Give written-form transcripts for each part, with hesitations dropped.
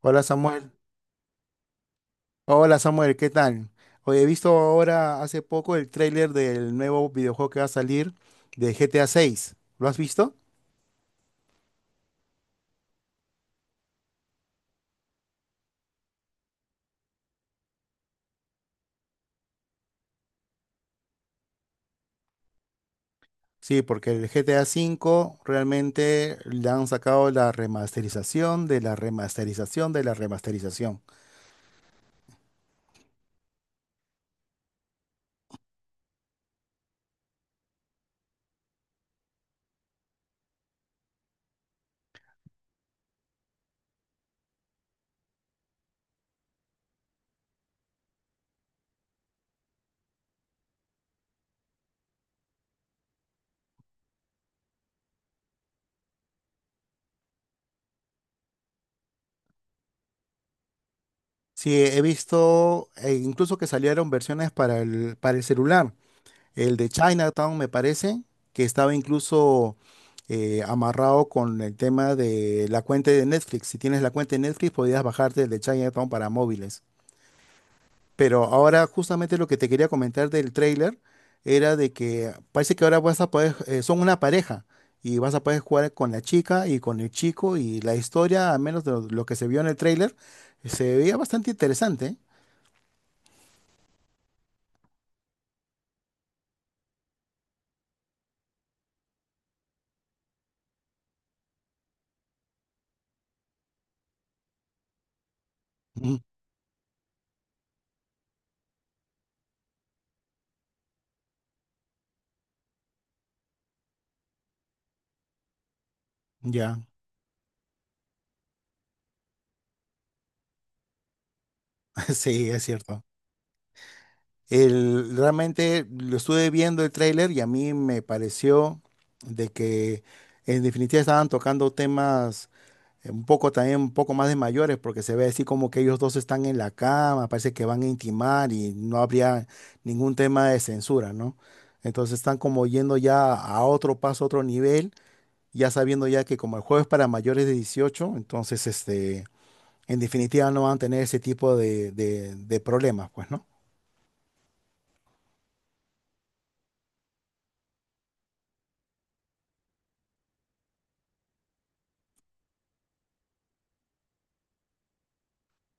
Hola Samuel. Hola Samuel, ¿qué tal? Hoy he visto ahora hace poco el tráiler del nuevo videojuego que va a salir de GTA 6. ¿Lo has visto? Sí, porque el GTA 5 realmente le han sacado la remasterización de la remasterización de la remasterización. Sí, he visto incluso que salieron versiones para el celular. El de Chinatown, me parece, que estaba incluso amarrado con el tema de la cuenta de Netflix. Si tienes la cuenta de Netflix, podías bajarte el de Chinatown para móviles. Pero ahora justamente lo que te quería comentar del tráiler era de que parece que ahora vas a poder, son una pareja y vas a poder jugar con la chica y con el chico y la historia, al menos de lo que se vio en el tráiler, se veía bastante interesante. Ujú. Ya. Sí, es cierto. Realmente lo estuve viendo el tráiler y a mí me pareció de que en definitiva estaban tocando temas un poco también, un poco más de mayores, porque se ve así como que ellos dos están en la cama, parece que van a intimar y no habría ningún tema de censura, ¿no? Entonces están como yendo ya a otro paso, a otro nivel, ya sabiendo ya que como el juego es para mayores de 18, entonces en definitiva no van a tener ese tipo de problemas, pues, ¿no?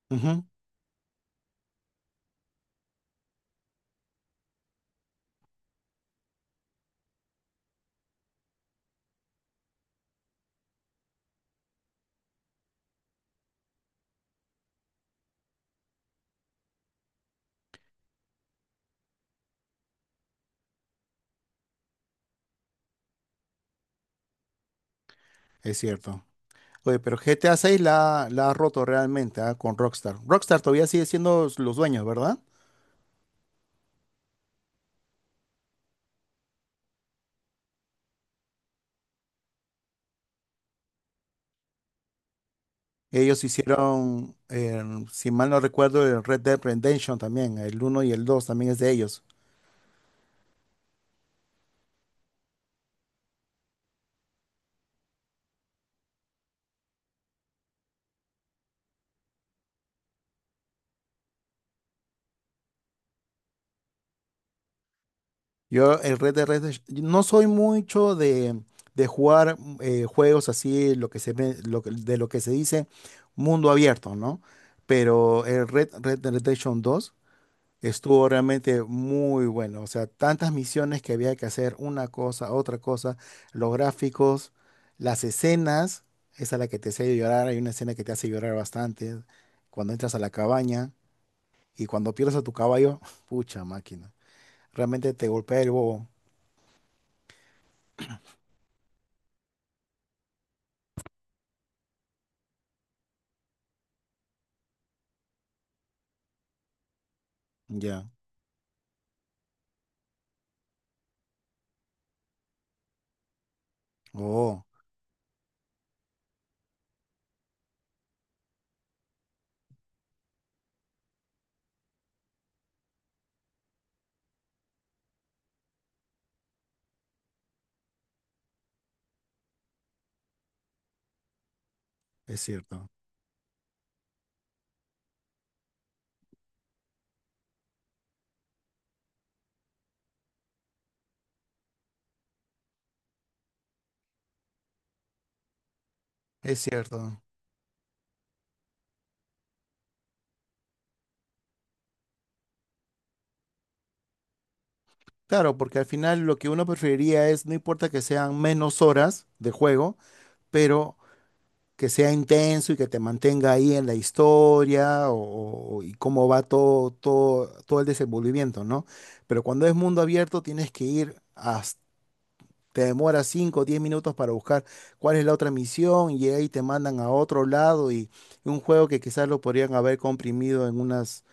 Ujú, es cierto. Oye, pero GTA 6 la ha roto realmente, ah, con Rockstar. Rockstar todavía sigue siendo los dueños, ¿verdad? Ellos hicieron, si mal no recuerdo, el Red Dead Redemption también, el uno y el 2 también es de ellos. Yo el Red Dead Redemption, no soy mucho de jugar juegos así, lo que se, ve- lo que- de lo que se dice mundo abierto, ¿no? Pero el Red Dead Redemption 2. Estuvo realmente muy bueno. O sea, tantas misiones que había que hacer, una cosa, otra cosa, los gráficos, las escenas, esa es la que te hace llorar, hay una escena que te hace llorar bastante, cuando entras a la cabaña y cuando pierdes a tu caballo, pucha máquina, realmente te golpea el bobo. Ya. Oh, es cierto, es cierto. Claro, porque al final lo que uno preferiría es, no importa que sean menos horas de juego, pero que sea intenso y que te mantenga ahí en la historia y cómo va todo, todo, todo el desenvolvimiento, ¿no? Pero cuando es mundo abierto tienes que ir hasta, te demora 5 o 10 minutos para buscar cuál es la otra misión y ahí te mandan a otro lado y un juego que quizás lo podrían haber comprimido en unas,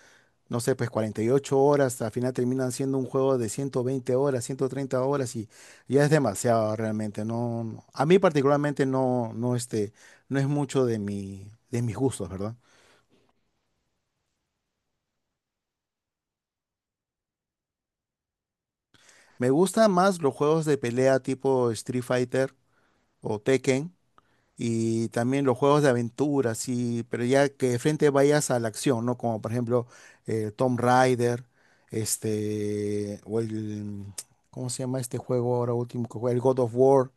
no sé, pues 48 horas, al final terminan siendo un juego de 120 horas, 130 horas y ya es demasiado realmente. No, a mí particularmente no es mucho de mis gustos, ¿verdad? Me gustan más los juegos de pelea tipo Street Fighter o Tekken. Y también los juegos de aventura, sí, pero ya que de frente vayas a la acción, ¿no? Como por ejemplo Tomb Raider, este, o el, ¿cómo se llama este juego ahora último que juega? El God of War,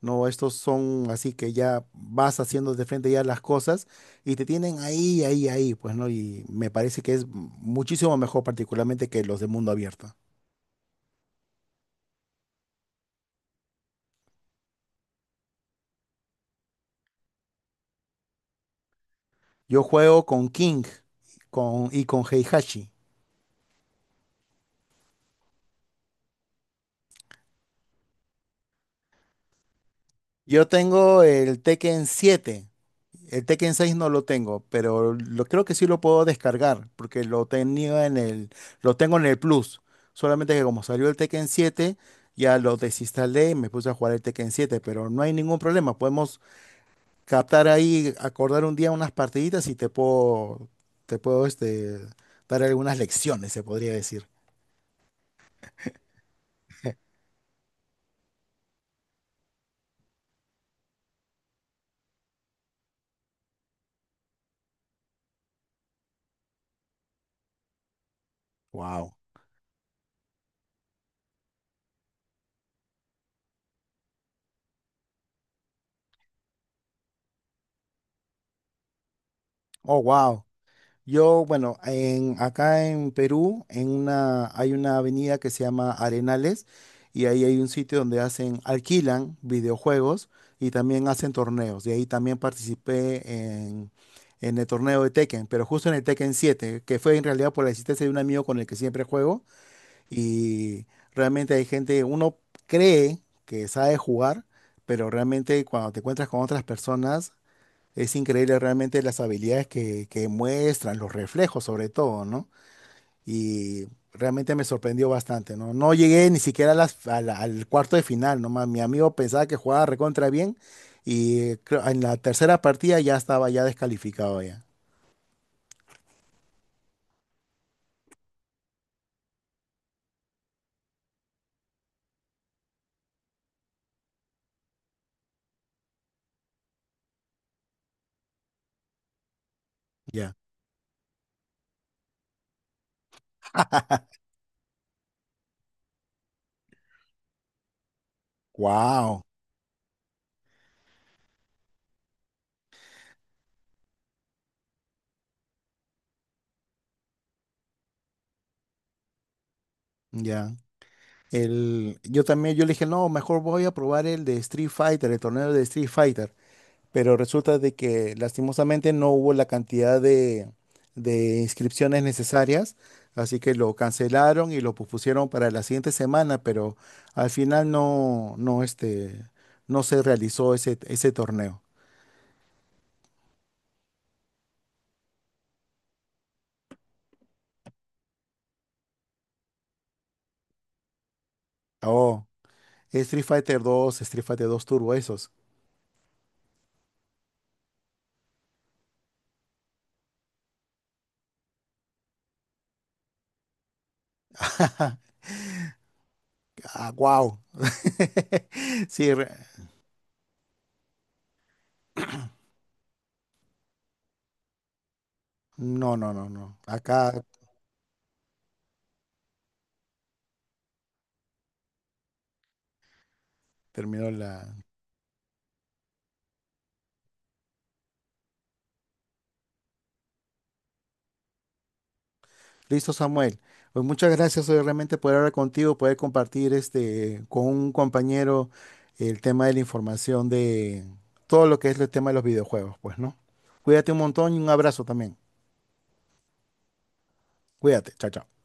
¿no? Estos son así que ya vas haciendo de frente ya las cosas y te tienen ahí, ahí, ahí, pues, ¿no? Y me parece que es muchísimo mejor particularmente que los de mundo abierto. Yo juego con King y con Heihachi. Yo tengo el Tekken 7. El Tekken 6 no lo tengo, pero lo creo que sí lo puedo descargar, porque lo tenía lo tengo en el Plus. Solamente que como salió el Tekken 7, ya lo desinstalé y me puse a jugar el Tekken 7, pero no hay ningún problema. Podemos captar ahí, acordar un día unas partiditas y te puedo dar algunas lecciones, se podría decir. Wow. Oh, wow. Yo, bueno, acá en Perú hay una avenida que se llama Arenales y ahí hay un sitio donde hacen, alquilan videojuegos y también hacen torneos. De ahí también participé en, en el torneo de Tekken, pero justo en el Tekken 7, que fue en realidad por la existencia de un amigo con el que siempre juego, y realmente hay gente, uno cree que sabe jugar, pero realmente cuando te encuentras con otras personas es increíble realmente las habilidades que muestran, los reflejos sobre todo, ¿no? Y realmente me sorprendió bastante, ¿no? No llegué ni siquiera a las- a la- al cuarto de final, nomás mi amigo pensaba que jugaba recontra bien y en la tercera partida ya estaba ya descalificado ya. Ya. Wow. Ya. Yo también, yo le dije, no, mejor voy a probar el de Street Fighter, el torneo de Street Fighter. Pero resulta de que lastimosamente no hubo la cantidad de inscripciones necesarias, así que lo cancelaron y lo pusieron para la siguiente semana, pero al final no se realizó ese torneo. Oh, Street Fighter 2, Street Fighter 2 Turbo, esos. Ah, wow. Sí, no, no, no, no. Acá terminó la. Listo, Samuel. Pues muchas gracias hoy realmente poder hablar contigo, poder compartir con un compañero el tema de la información de todo lo que es el tema de los videojuegos, pues, ¿no? Cuídate un montón y un abrazo también. Cuídate, chao, chao.